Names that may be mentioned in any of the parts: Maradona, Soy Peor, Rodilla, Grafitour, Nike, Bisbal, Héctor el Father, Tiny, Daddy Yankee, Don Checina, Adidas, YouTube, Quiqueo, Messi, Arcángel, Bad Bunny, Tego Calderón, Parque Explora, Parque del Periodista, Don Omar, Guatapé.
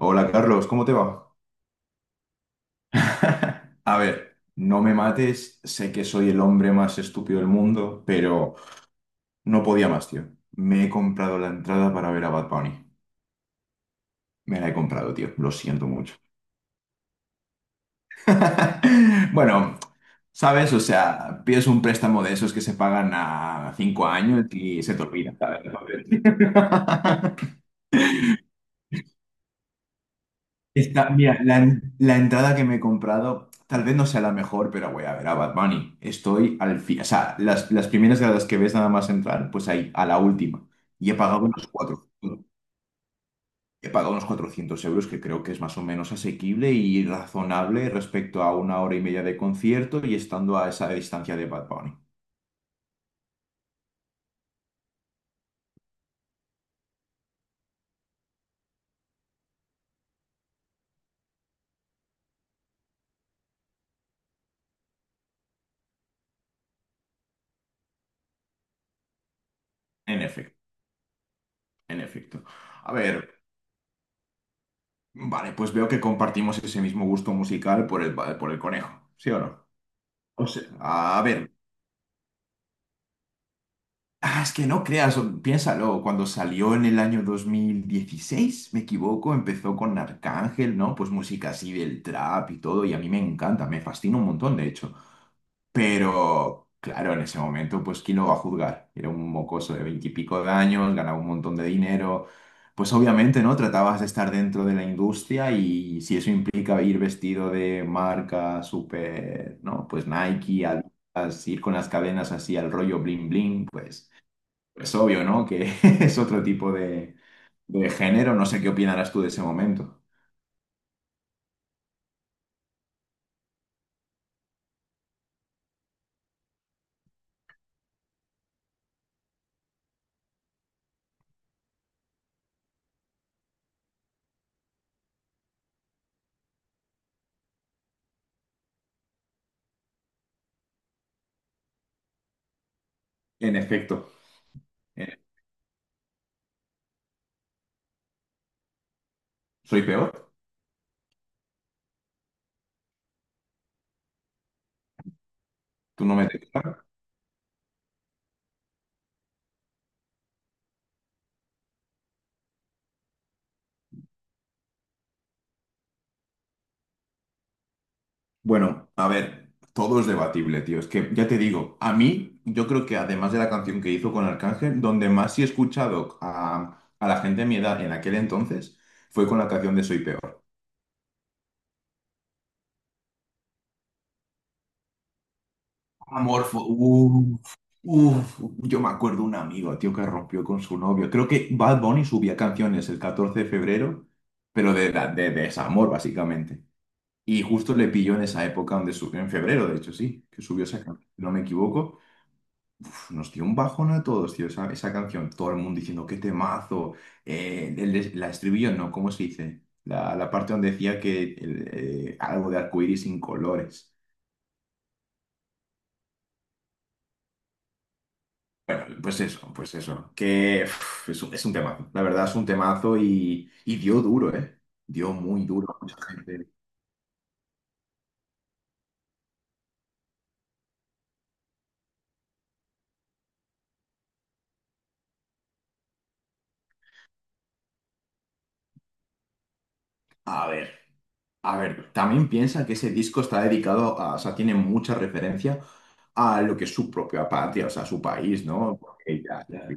Hola Carlos, ¿cómo te va? A ver, no me mates, sé que soy el hombre más estúpido del mundo, pero no podía más, tío. Me he comprado la entrada para ver a Bad Bunny. Me la he comprado, tío, lo siento mucho. Bueno, ¿sabes? O sea, pides un préstamo de esos que se pagan a 5 años y se te olvida, ¿sabes? Está, mira, la entrada que me he comprado tal vez no sea la mejor, pero voy a ver a Bad Bunny. Estoy al fin, o sea, las primeras gradas que ves nada más entrar, pues ahí, a la última. Y he pagado unos 400 euros, que creo que es más o menos asequible y razonable respecto a una hora y media de concierto y estando a esa distancia de Bad Bunny. En efecto, en efecto. A ver, vale, pues veo que compartimos ese mismo gusto musical por el conejo, ¿sí o no? O sea, a ver. Ah, es que no creas, piénsalo, cuando salió en el año 2016, me equivoco, empezó con Arcángel, ¿no? Pues música así del trap y todo, y a mí me encanta, me fascina un montón, de hecho. Pero, claro, en ese momento, pues, ¿quién lo va a juzgar? Era un mocoso de veintipico de años, ganaba un montón de dinero. Pues obviamente, ¿no? Tratabas de estar dentro de la industria y si eso implica ir vestido de marca súper, ¿no? Pues Nike, Adidas, ir con las cadenas así al rollo bling bling, pues... Es obvio, ¿no? Que es otro tipo de género. No sé qué opinarás tú de ese momento. En efecto, eh, soy peor. Tú no me detectas. Bueno, a ver, todo es debatible, tío. Es que ya te digo, a mí, yo creo que además de la canción que hizo con Arcángel, donde más sí he escuchado a la gente de mi edad en aquel entonces fue con la canción de Soy Peor. Amorfo, uff, uff, yo me acuerdo un amigo, tío, que rompió con su novio. Creo que Bad Bunny subía canciones el 14 de febrero, pero de desamor, básicamente. Y justo le pilló en esa época donde subió, en febrero, de hecho, sí, que subió esa canción, si no me equivoco. Uf, nos dio un bajón a todos, tío, esa canción. Todo el mundo diciendo, qué temazo. La estribillo, no, ¿cómo se dice? La parte donde decía que algo de arcoíris sin colores. Bueno, pues eso, que uf, es un temazo, la verdad es un temazo y dio duro, ¿eh? Dio muy duro a mucha gente. A ver, a ver, también piensa que ese disco está dedicado a, o sea, tiene mucha referencia a lo que es su propia patria, o sea, su país, ¿no?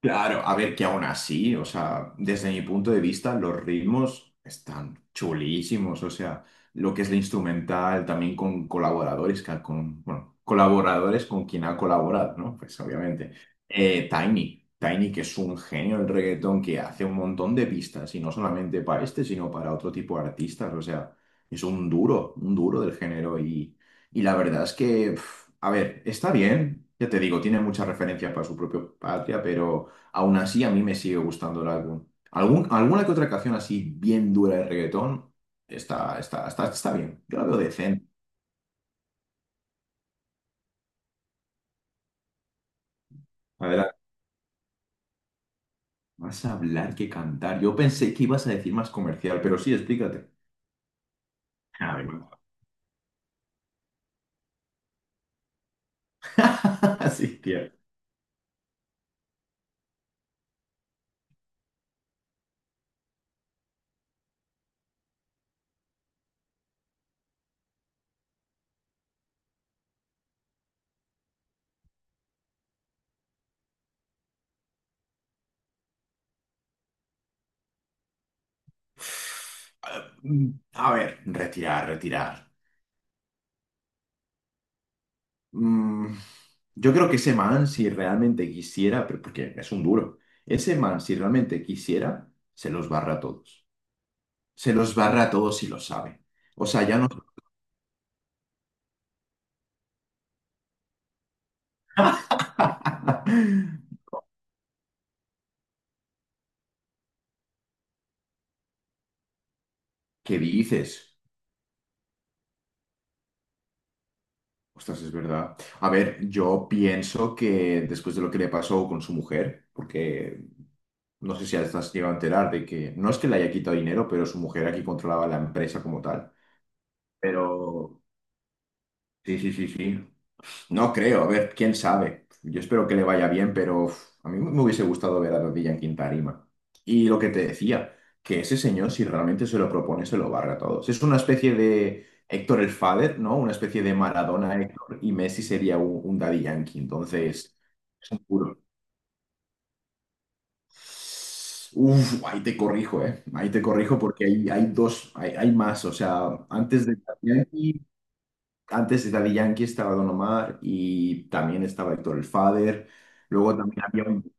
Claro, a ver, que aún así, o sea, desde mi punto de vista, los ritmos están chulísimos, o sea, lo que es la instrumental, también con colaboradores, con, bueno, colaboradores con quien ha colaborado, ¿no? Pues obviamente. Tiny, Tiny, que es un genio del reggaetón, que hace un montón de pistas, y no solamente para este, sino para otro tipo de artistas, o sea, es un duro del género, y la verdad es que, pf, a ver, está bien, ya te digo, tiene muchas referencias para su propia patria, pero... Aún así, a mí me sigue gustando el álbum. Alguna que otra canción así bien dura de reggaetón está bien. Yo la veo decente. Adelante. Más hablar que cantar. Yo pensé que ibas a decir más comercial, pero sí, explícate. A ver, sí, tío. A ver, retirar, retirar. Mm, yo creo que ese man, si realmente quisiera, pero porque es un duro, ese man, si realmente quisiera, se los barra a todos. Se los barra a todos y lo sabe. O sea, ya no... ¿Qué dices? Ostras, es verdad. A ver, yo pienso que después de lo que le pasó con su mujer, porque no sé si has llegado a enterar de que no es que le haya quitado dinero, pero su mujer aquí controlaba la empresa como tal. Pero sí, sí, sí, sí. No creo, a ver, quién sabe. Yo espero que le vaya bien, pero uf, a mí me hubiese gustado ver a Rodilla en quinta tarima. Y lo que te decía, que ese señor, si realmente se lo propone, se lo barra a todos. Es una especie de Héctor el Father, ¿no? Una especie de Maradona Héctor y Messi sería un Daddy Yankee. Entonces, puro. Uf, ahí te corrijo, ¿eh? Ahí te corrijo porque hay dos, hay más. O sea, antes de Daddy Yankee estaba Don Omar y también estaba Héctor el Father. Luego también había un.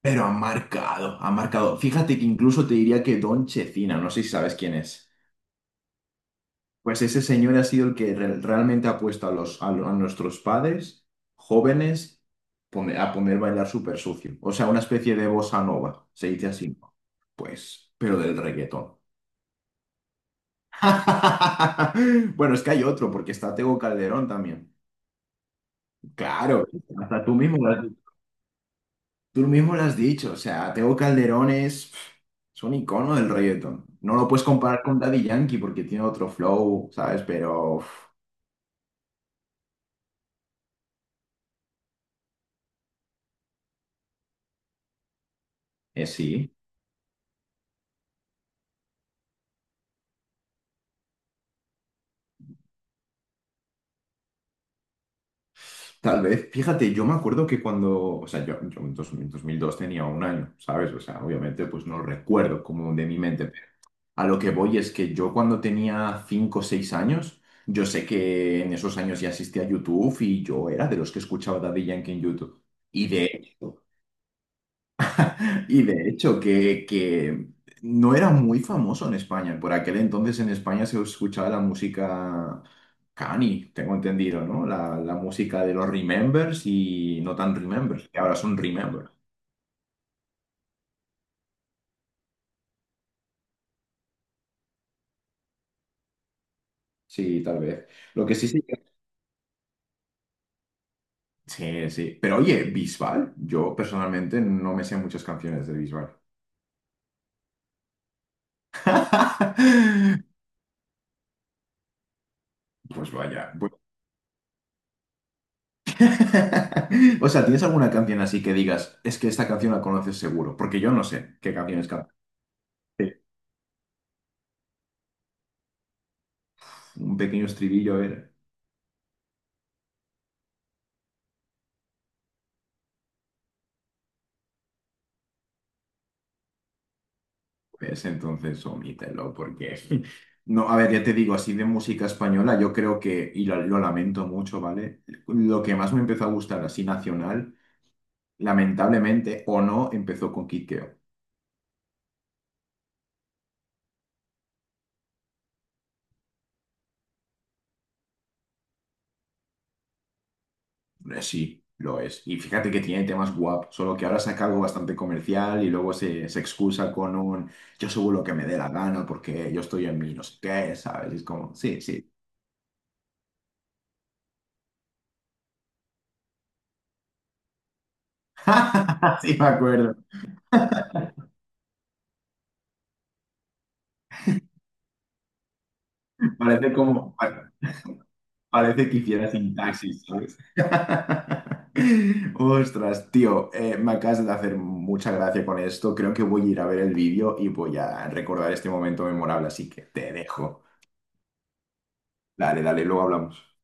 Pero ha marcado, ha marcado. Fíjate que incluso te diría que Don Checina, no sé si sabes quién es. Pues ese señor ha sido el que realmente ha puesto a nuestros padres jóvenes a poner bailar súper sucio. O sea, una especie de bossa nova, se dice así, ¿no? Pues, pero del reggaetón. Bueno, es que hay otro, porque está Tego Calderón también. Claro, hasta tú mismo. Tú mismo lo has dicho, o sea, Tego Calderón es un icono del reggaetón. No lo puedes comparar con Daddy Yankee porque tiene otro flow, ¿sabes? Pero uf, sí, tal vez. Fíjate, yo me acuerdo que cuando, o sea, yo en dos mil dos tenía un año, ¿sabes? O sea, obviamente pues no lo recuerdo como de mi mente, pero a lo que voy es que yo cuando tenía 5 o 6 años, yo sé que en esos años ya asistía a YouTube y yo era de los que escuchaba Daddy Yankee en YouTube. Y de hecho, que no era muy famoso en España. Por aquel entonces en España se escuchaba la música cani, tengo entendido, ¿no? La música de los Remembers y no tan Remembers, que ahora son Remember. Sí, tal vez. Lo que sí sí. Sí, sí. Pero oye, Bisbal, yo personalmente no me sé muchas canciones de Bisbal. Pues vaya. O sea, ¿tienes alguna canción así que digas, es que esta canción la conoces seguro? Porque yo no sé qué canciones cantan. Un pequeño estribillo era. Pues entonces omítelo, porque. No, a ver, ya te digo, así de música española, yo creo que, y lo lamento mucho, ¿vale? Lo que más me empezó a gustar así nacional, lamentablemente o no, empezó con Quiqueo. Sí, lo es. Y fíjate que tiene temas guap, solo que ahora saca algo bastante comercial y luego se excusa con un yo subo lo que me dé la gana porque yo estoy en mi no sé qué, ¿sabes? Y es como, sí, sí. Sí, me acuerdo. Parece como. Parece que hiciera sintaxis, ¿sabes? Ostras, tío, me acabas de hacer mucha gracia con esto. Creo que voy a ir a ver el vídeo y voy a recordar este momento memorable, así que te dejo. Dale, dale, luego hablamos.